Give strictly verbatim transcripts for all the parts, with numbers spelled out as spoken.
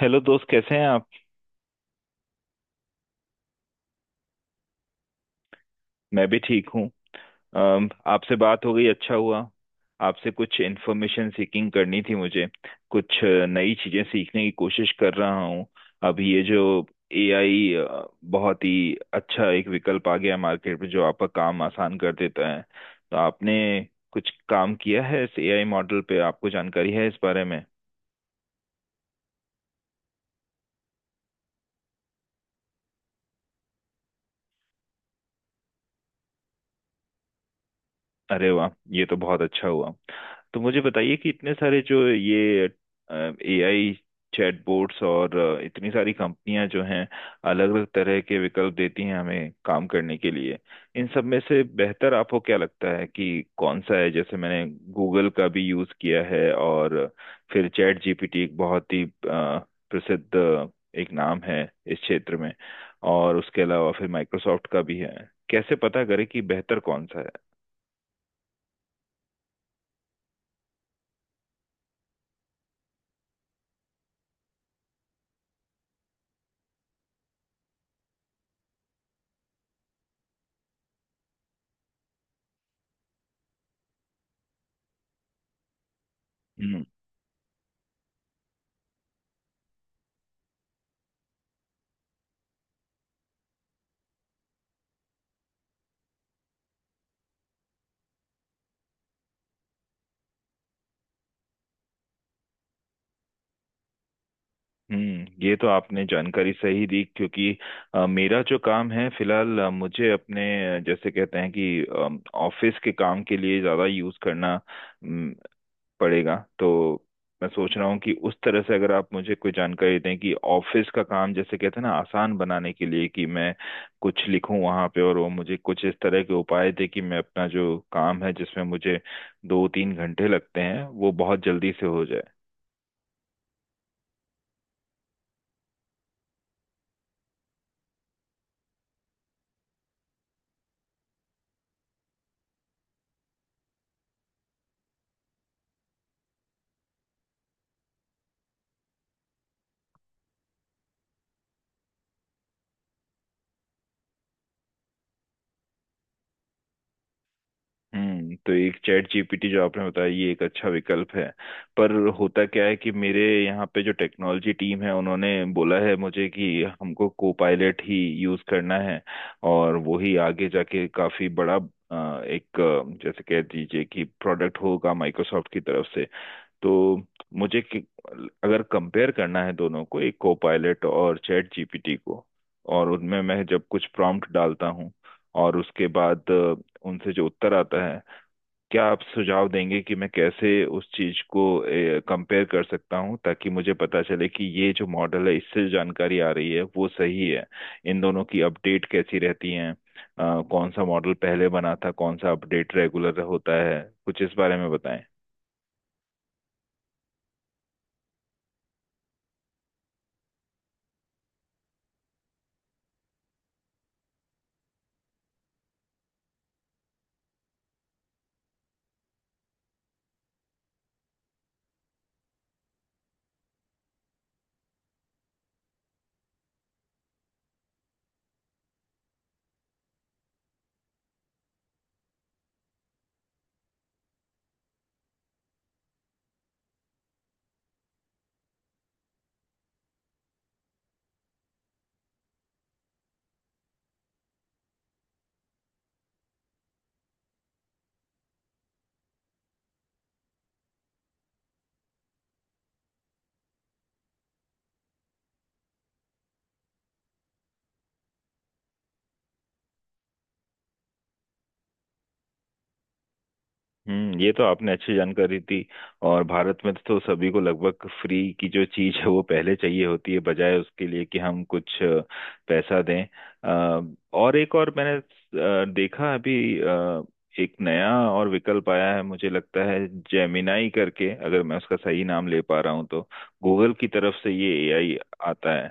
Hello दोस्त, कैसे हैं आप? मैं भी ठीक हूँ। अम, आपसे बात हो गई, अच्छा हुआ। आपसे कुछ इन्फॉर्मेशन सीकिंग करनी थी मुझे। कुछ अ, नई चीज़ें सीखने की कोशिश कर रहा हूँ। अभी ये जो ए आई, बहुत ही अच्छा एक विकल्प आ गया है मार्केट में, जो आपका काम आसान कर देता है। तो आपने कुछ काम किया है इस ए आई मॉडल पे? आपको जानकारी है इस बारे में? अरे वाह, ये तो बहुत अच्छा हुआ। तो मुझे बताइए कि इतने सारे जो ये ए आई चैटबॉट्स और अ, इतनी सारी कंपनियां जो हैं, अलग अलग तरह के विकल्प देती हैं हमें काम करने के लिए, इन सब में से बेहतर आपको क्या लगता है कि कौन सा है? जैसे मैंने गूगल का भी यूज किया है, और फिर चैट जी पी टी एक बहुत ही अ, प्रसिद्ध एक नाम है इस क्षेत्र में, और उसके अलावा फिर माइक्रोसॉफ्ट का भी है। कैसे पता करें कि बेहतर कौन सा है? हम्म। हम्म, ये तो आपने जानकारी सही दी, क्योंकि अ, मेरा जो काम है फिलहाल, अ, मुझे अपने, अ, जैसे कहते हैं कि ऑफिस के काम के लिए ज़्यादा यूज़ करना अम, पड़ेगा। तो मैं सोच रहा हूँ कि उस तरह से अगर आप मुझे कोई जानकारी दें कि ऑफिस का काम, जैसे कहते हैं ना, आसान बनाने के लिए कि मैं कुछ लिखूं वहां पे और वो मुझे कुछ इस तरह के उपाय दे कि मैं अपना जो काम है, जिसमें मुझे दो तीन घंटे लगते हैं, वो बहुत जल्दी से हो जाए। हम्म, तो एक चैट जी पी टी जो आपने बताया, ये एक अच्छा विकल्प है। पर होता क्या है कि मेरे यहाँ पे जो टेक्नोलॉजी टीम है, उन्होंने बोला है मुझे कि हमको कोपायलट ही यूज करना है, और वो ही आगे जाके काफी बड़ा अ, एक अ, जैसे कह दीजिए कि प्रोडक्ट होगा माइक्रोसॉफ्ट की तरफ से। तो मुझे कि, अगर कंपेयर करना है दोनों को, एक कोपायलट और चैट जी पी टी को, और उनमें मैं जब कुछ प्रॉम्प्ट डालता हूँ और उसके बाद अ, उनसे जो उत्तर आता है, क्या आप सुझाव देंगे कि मैं कैसे उस चीज को कंपेयर कर सकता हूँ ताकि मुझे पता चले कि ये जो मॉडल है, इससे जो जानकारी आ रही है वो सही है? इन दोनों की अपडेट कैसी रहती है? कौन सा मॉडल पहले बना था, कौन सा अपडेट रेगुलर होता है, कुछ इस बारे में बताएं। हम्म, ये तो आपने अच्छी जानकारी दी। और भारत में तो सभी को लगभग फ्री की जो चीज है वो पहले चाहिए होती है, बजाय उसके लिए कि हम कुछ अ, पैसा दें। अ, और एक और मैंने अ, देखा अभी अ, एक नया और विकल्प आया है, मुझे लगता है जेमिनाई करके, अगर मैं उसका सही नाम ले पा रहा हूँ तो। गूगल की तरफ से ये ए आई आता है।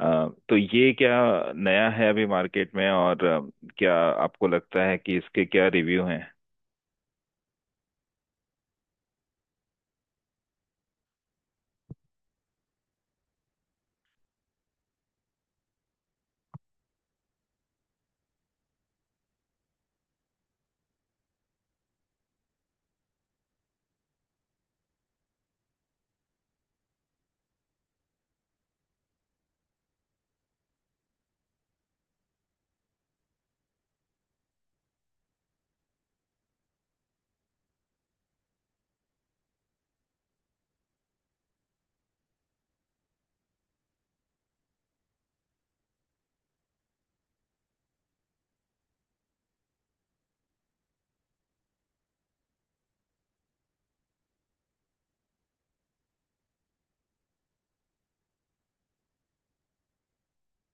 अ, तो ये क्या नया है अभी मार्केट में? और अ, क्या आपको लगता है कि इसके क्या रिव्यू हैं?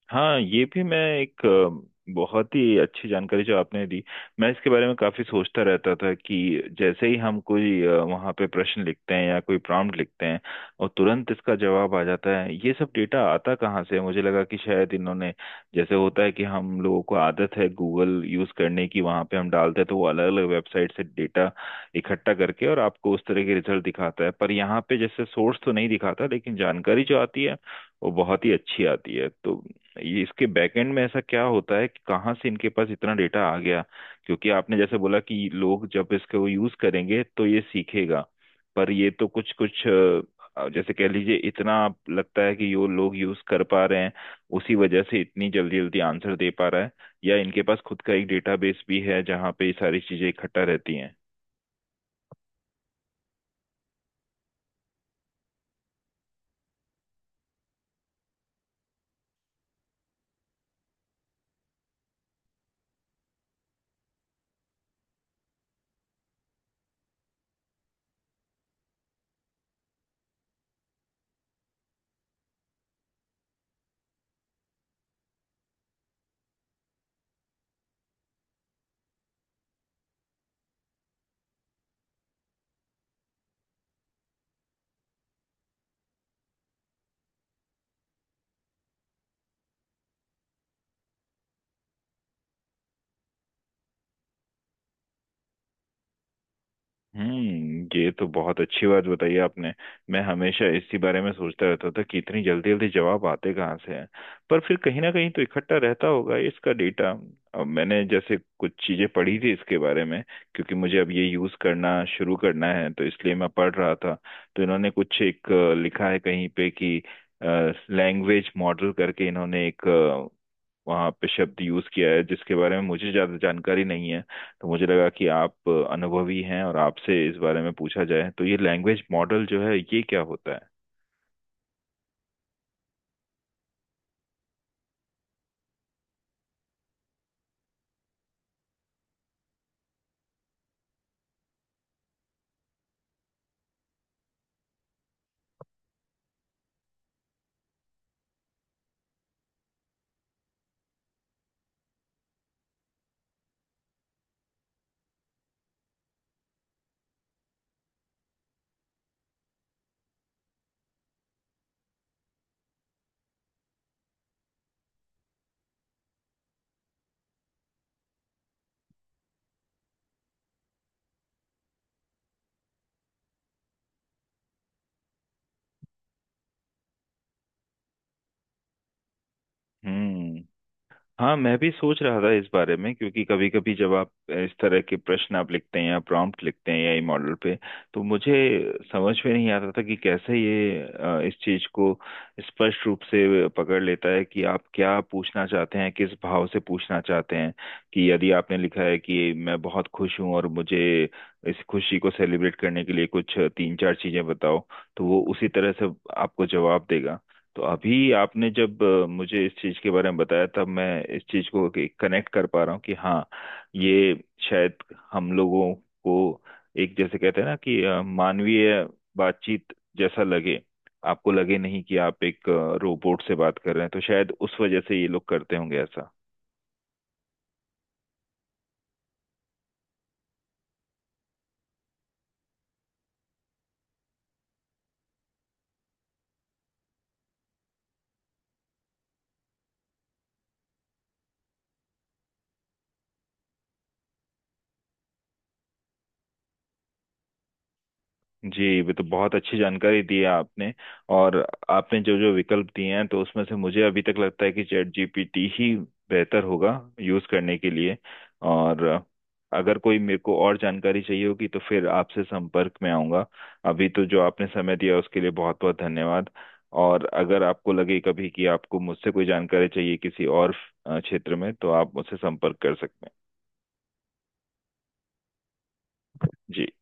हाँ, ये भी मैं, एक अ, बहुत ही अच्छी जानकारी जो आपने दी। मैं इसके बारे में काफी सोचता रहता था कि जैसे ही हम कोई अ, वहाँ पे प्रश्न लिखते हैं या कोई प्रॉम्प्ट लिखते हैं, और तुरंत इसका जवाब आ जाता है, ये सब डेटा आता कहाँ से है? मुझे लगा कि शायद इन्होंने, जैसे होता है कि हम लोगों को आदत है गूगल यूज करने की, वहाँ पे हम डालते हैं तो वो अलग अलग वेबसाइट से डेटा इकट्ठा करके और आपको उस तरह के रिजल्ट दिखाता है, पर यहाँ पे जैसे सोर्स तो नहीं दिखाता, लेकिन जानकारी जो आती है वो बहुत ही अच्छी आती है। तो ये इसके बैकएंड में ऐसा क्या होता है कि कहाँ से इनके पास इतना डेटा आ गया? क्योंकि आपने जैसे बोला कि लोग जब इसको यूज करेंगे तो ये सीखेगा, पर ये तो कुछ कुछ अ, जैसे कह लीजिए, इतना आप- लगता है कि यो लोग यूज कर पा रहे हैं, उसी वजह से इतनी जल्दी जल्दी आंसर दे पा रहा है? या इनके पास खुद का एक डेटाबेस भी है जहाँ पे ये सारी चीजें इकट्ठा रहती हैं? हम्म, ये तो बहुत अच्छी बात बताई आपने। मैं हमेशा इसी बारे में सोचता रहता था कि इतनी जल्दी जल्दी जवाब आते कहाँ से हैं, पर फिर कहीं ना कहीं तो इकट्ठा रहता होगा इसका डेटा। अब मैंने जैसे कुछ चीजें पढ़ी थी इसके बारे में, क्योंकि मुझे अब ये यूज करना शुरू करना है तो इसलिए मैं पढ़ रहा था, तो इन्होंने कुछ एक अ, लिखा है कहीं पे कि लैंग्वेज मॉडल करके इन्होंने एक, अ, वहाँ पे शब्द यूज किया है जिसके बारे में मुझे ज्यादा जानकारी नहीं है। तो मुझे लगा कि आप अनुभवी हैं और आपसे इस बारे में पूछा जाए, तो ये लैंग्वेज मॉडल जो है, ये क्या होता है? हम्म। हाँ, मैं भी सोच रहा था इस बारे में, क्योंकि कभी कभी जब आप इस तरह के प्रश्न आप लिखते हैं या प्रॉम्प्ट लिखते हैं ए आई मॉडल पे, तो मुझे समझ में नहीं आता था कि कैसे ये अ, इस चीज को स्पष्ट रूप से पकड़ लेता है कि आप क्या पूछना चाहते हैं, किस भाव से पूछना चाहते हैं। कि यदि आपने लिखा है कि मैं बहुत खुश हूँ और मुझे इस खुशी को सेलिब्रेट करने के लिए कुछ तीन चार चीजें बताओ, तो वो उसी तरह से आपको जवाब देगा। तो अभी आपने जब अ, मुझे इस चीज के बारे में बताया, तब मैं इस चीज को कनेक्ट कर पा रहा हूँ कि हाँ, ये शायद हम लोगों को एक, जैसे कहते हैं ना कि अ, मानवीय बातचीत जैसा लगे, आपको लगे नहीं कि आप एक रोबोट से बात कर रहे हैं, तो शायद उस वजह से ये लोग करते होंगे ऐसा। जी, ये तो बहुत अच्छी जानकारी दी है आपने। और आपने जो जो विकल्प दिए हैं, तो उसमें से मुझे अभी तक लगता है कि चैट जी पी टी ही बेहतर होगा यूज करने के लिए। और अगर कोई मेरे को और जानकारी चाहिए होगी तो फिर आपसे संपर्क में आऊंगा। अभी तो जो आपने समय दिया उसके लिए बहुत बहुत धन्यवाद। और अगर आपको लगे कभी कि आपको मुझसे कोई जानकारी चाहिए किसी और अ, क्षेत्र में, तो आप मुझसे संपर्क कर सकते हैं। जी।